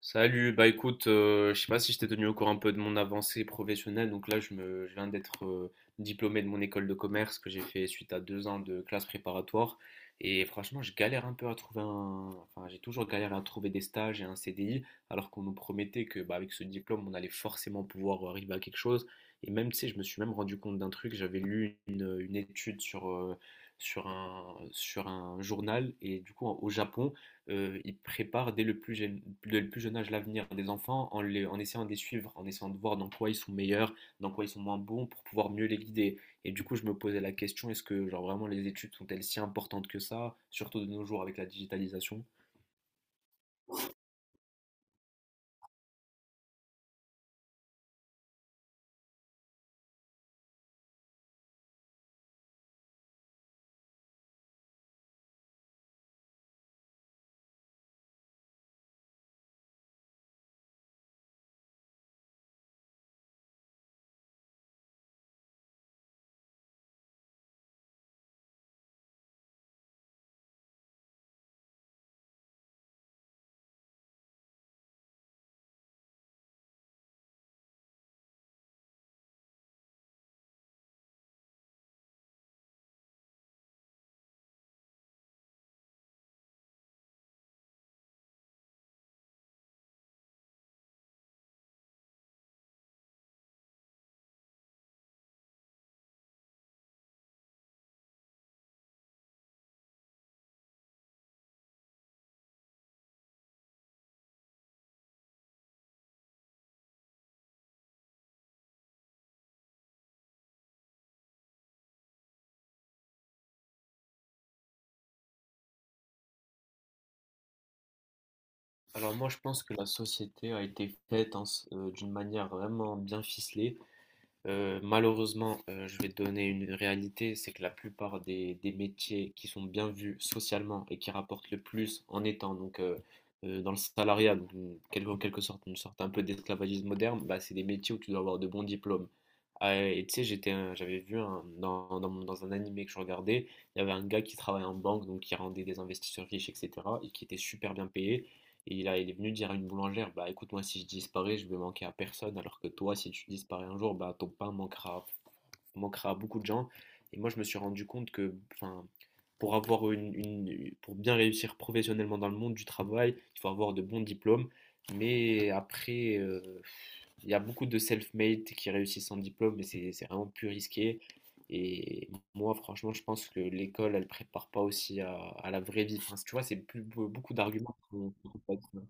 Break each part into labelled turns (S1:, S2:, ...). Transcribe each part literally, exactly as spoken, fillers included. S1: Salut, bah écoute, euh, je sais pas si je t'ai tenu au courant un peu de mon avancée professionnelle. Donc là, je me, je viens d'être euh, diplômé de mon école de commerce que j'ai fait suite à deux ans de classe préparatoire. Et franchement, je galère un peu à trouver un, enfin, j'ai toujours galéré à trouver des stages et un C D I, alors qu'on nous promettait que, bah, avec ce diplôme, on allait forcément pouvoir euh, arriver à quelque chose. Et même, tu sais, je me suis même rendu compte d'un truc. J'avais lu une, une étude sur, euh, sur un, sur un journal, et du coup, en- au Japon, euh, ils préparent dès le plus jeune, dès le plus jeune âge l'avenir des enfants en, les- en essayant de les suivre, en essayant de voir dans quoi ils sont meilleurs, dans quoi ils sont moins bons pour pouvoir mieux les guider. Et du coup, je me posais la question, est-ce que genre vraiment les études sont-elles si importantes que ça, surtout de nos jours avec la digitalisation? Alors moi, je pense que la société a été faite, hein, s- euh, d'une manière vraiment bien ficelée. Euh, malheureusement, euh, je vais te donner une réalité, c'est que la plupart des, des métiers qui sont bien vus socialement et qui rapportent le plus en étant donc euh, euh, dans le salariat, donc une- quel- en quelque sorte une sorte un peu d'esclavagisme moderne, bah, c'est des métiers où tu dois avoir de bons diplômes. Ah, et tu sais, j'étais, un- j'avais vu un- dans, dans, mon- dans un animé que je regardais, il y avait un gars qui travaillait en banque, donc qui rendait des investisseurs riches, et cetera, et qui était super bien payé. Et là, il est venu dire à une boulangère, bah écoute, moi si je disparais, je vais manquer à personne, alors que toi, si tu disparais un jour, bah ton pain manquera, manquera à beaucoup de gens. Et moi, je me suis rendu compte que, enfin, pour avoir une, une- pour bien réussir professionnellement dans le monde du travail, il faut avoir de bons diplômes. Mais après, euh, il y a beaucoup de self-made qui réussissent sans diplôme, mais c'est c'est vraiment plus risqué. Et moi, franchement, je pense que l'école, elle prépare pas aussi à, à la vraie vie. Enfin, tu vois, c'est plus- beaucoup d'arguments qu'on- qu'on peut pas dire.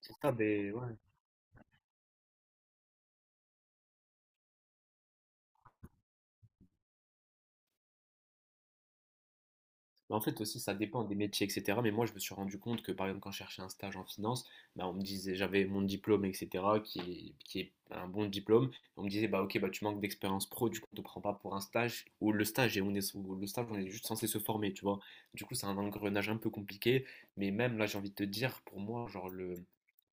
S1: C'est ça, ben, ouais. Mais en fait aussi, ça dépend des métiers, et cetera. Mais moi, je me suis rendu compte que, par exemple, quand je cherchais un stage en finance, bah, on me disait, j'avais mon diplôme, et cetera, qui, est qui est un bon diplôme. On me disait, bah ok, bah tu manques d'expérience pro, du coup, on te prend pas pour un stage, ou le stage, et on est, ou le stage, on est juste censé se former, tu vois. Du coup, c'est un engrenage un peu compliqué. Mais même là, j'ai envie de te dire, pour moi, genre le,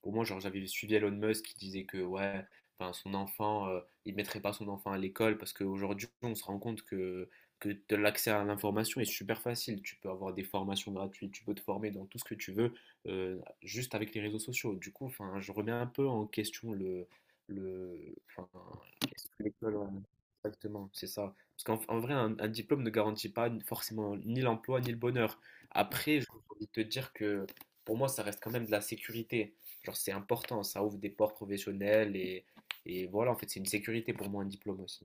S1: pour moi, genre j'avais suivi Elon Musk qui disait que ouais, enfin son enfant, euh, il mettrait pas son enfant à l'école parce qu'aujourd'hui, on se rend compte que que l'accès à l'information est super facile. Tu peux avoir des formations gratuites, tu peux te former dans tout ce que tu veux, euh, juste avec les réseaux sociaux. Du coup, enfin, je remets un peu en question le, le, enfin, est-ce que l'école, euh, exactement, c'est ça. Parce qu'en en vrai, un, un diplôme ne garantit pas forcément ni l'emploi ni le bonheur. Après, j'ai envie de te dire que pour moi, ça reste quand même de la sécurité. Genre, c'est important, ça ouvre des portes professionnelles et, et voilà, en fait, c'est une sécurité pour moi, un diplôme aussi.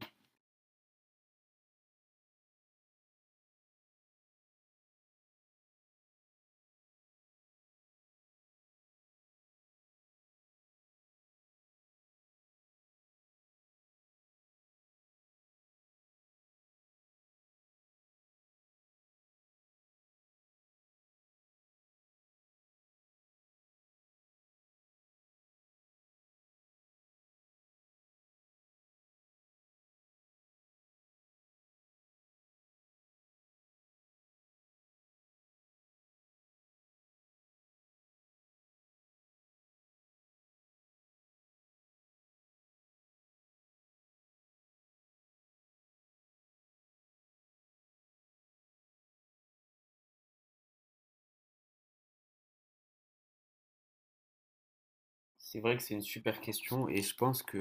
S1: C'est vrai que c'est une super question et je pense que,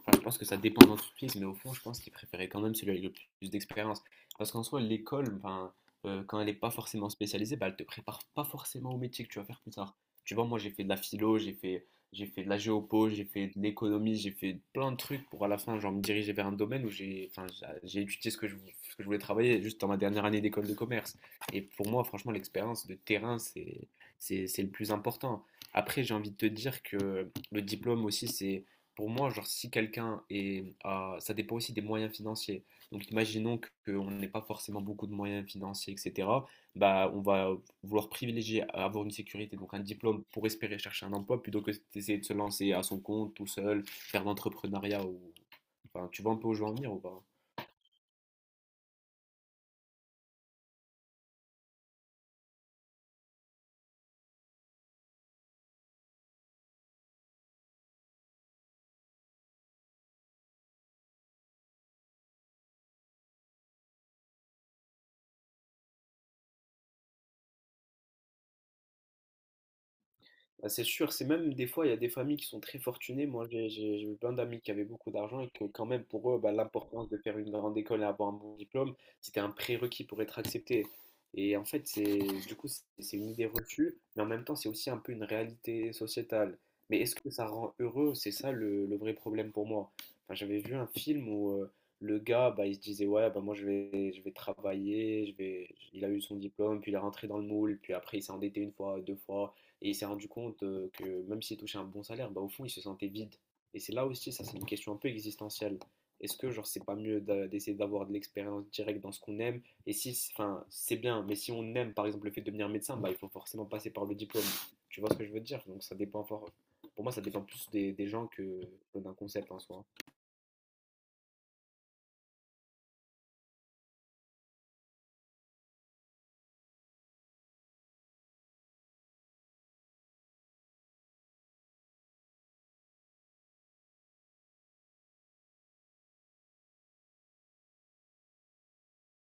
S1: enfin, je pense que ça dépend de l'entreprise, mais au fond, je pense qu'il préférait quand même celui avec le plus d'expérience. Parce qu'en soi, l'école, enfin, euh, quand elle n'est pas forcément spécialisée, bah, elle te prépare pas forcément au métier que tu vas faire plus tard. Tu vois, moi, j'ai fait de la philo, j'ai fait, j'ai fait de la géopo, j'ai fait de l'économie, j'ai fait plein de trucs pour à la fin, genre, me diriger vers un domaine où j'ai, enfin, j'a- j'ai étudié ce que je, vou- ce que je voulais travailler juste dans ma dernière année d'école de commerce. Et pour moi, franchement, l'expérience de terrain, c'est, c'est, c'est le plus important. Après, j'ai envie de te dire que le diplôme aussi, c'est pour moi, genre, si quelqu'un est. à- ça dépend aussi des moyens financiers. Donc, imaginons qu'on n'ait pas forcément beaucoup de moyens financiers, et cetera. Bah, on va vouloir privilégier à avoir une sécurité, donc un diplôme pour espérer chercher un emploi plutôt que d'essayer de se lancer à son compte, tout seul, faire de l'entrepreneuriat. Ou... Enfin, tu vois un peu où je veux en venir ou pas? Bah, c'est sûr, c'est même des fois, il y a des familles qui sont très fortunées. Moi, j'ai j'ai- j'ai eu plein d'amis qui avaient beaucoup d'argent et que quand même, pour eux, bah, l'importance de faire une grande école et avoir un bon diplôme, c'était un prérequis pour être accepté. Et en fait, c'est du coup, c'est c'est une idée reçue, mais en même temps, c'est aussi un peu une réalité sociétale. Mais est-ce que ça rend heureux? C'est ça le, le vrai problème pour moi. Enfin, j'avais vu un film où euh, le gars, bah, il se disait, ouais, bah, moi, je vais, je vais travailler, je vais... Il a eu son diplôme, puis il est rentré dans le moule, puis après, il s'est endetté une fois, deux fois. Et il s'est rendu compte euh, que même s'il touchait un bon salaire, bah, au fond, il se sentait vide. Et c'est là aussi, ça, c'est une question un peu existentielle. Est-ce que, genre, c'est pas mieux d'a- d'essayer d'avoir de l'expérience directe dans ce qu'on aime? Et si, enfin, c'est bien, mais si on aime, par exemple, le fait de devenir médecin, bah, il faut forcément passer par le diplôme. Tu vois ce que je veux dire? Donc, ça dépend fort. Pour moi, ça dépend plus des, des gens que que d'un concept en soi.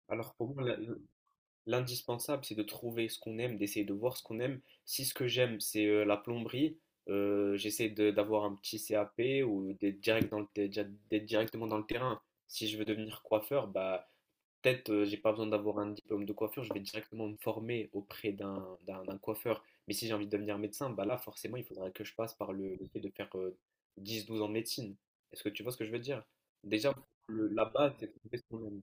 S1: Alors, pour moi, la- l'indispensable, c'est de trouver ce qu'on aime, d'essayer de voir ce qu'on aime. Si ce que j'aime, c'est euh, la plomberie, euh, j'essaie de- d'avoir un petit C A P ou d'être direct dans le te- dia- d'être directement dans le terrain. Si je veux devenir coiffeur, bah peut-être, euh, j'ai pas besoin d'avoir un diplôme de coiffure, je vais directement me former auprès d'un d'un- d'un coiffeur. Mais si j'ai envie de devenir médecin, bah là forcément, il faudrait que je passe par le, le fait de faire euh, dix à douze ans de médecine. Est-ce que tu vois ce que je veux dire? Déjà, le- la base, c'est de trouver ce qu'on aime.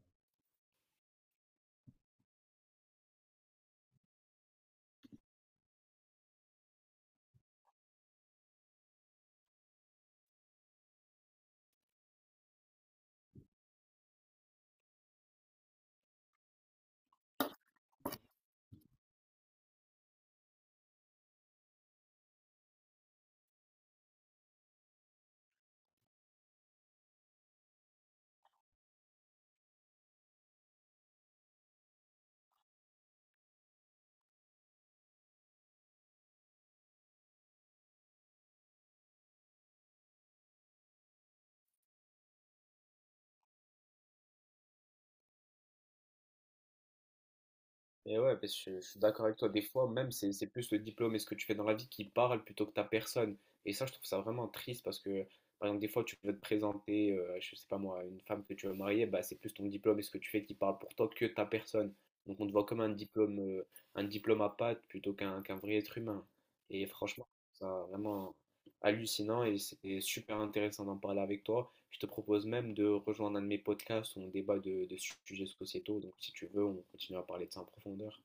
S1: Et ouais, parce que je suis d'accord avec toi. Des fois, même, c'est c'est plus le diplôme et ce que tu fais dans la vie qui parle plutôt que ta personne. Et ça, je trouve ça vraiment triste parce que, par exemple, des fois, tu veux te présenter, euh, je sais pas moi, une femme que tu veux marier, bah, c'est plus ton diplôme et ce que tu fais qui parle pour toi que ta personne. Donc, on te voit comme un diplôme, euh, un diplôme à pattes plutôt qu'un qu'un vrai être humain. Et franchement, je trouve ça vraiment hallucinant et c'est super intéressant d'en parler avec toi. Je te propose même de rejoindre un de mes podcasts où on débat de, de sujets sociétaux. Donc, si tu veux, on continue à parler de ça en profondeur.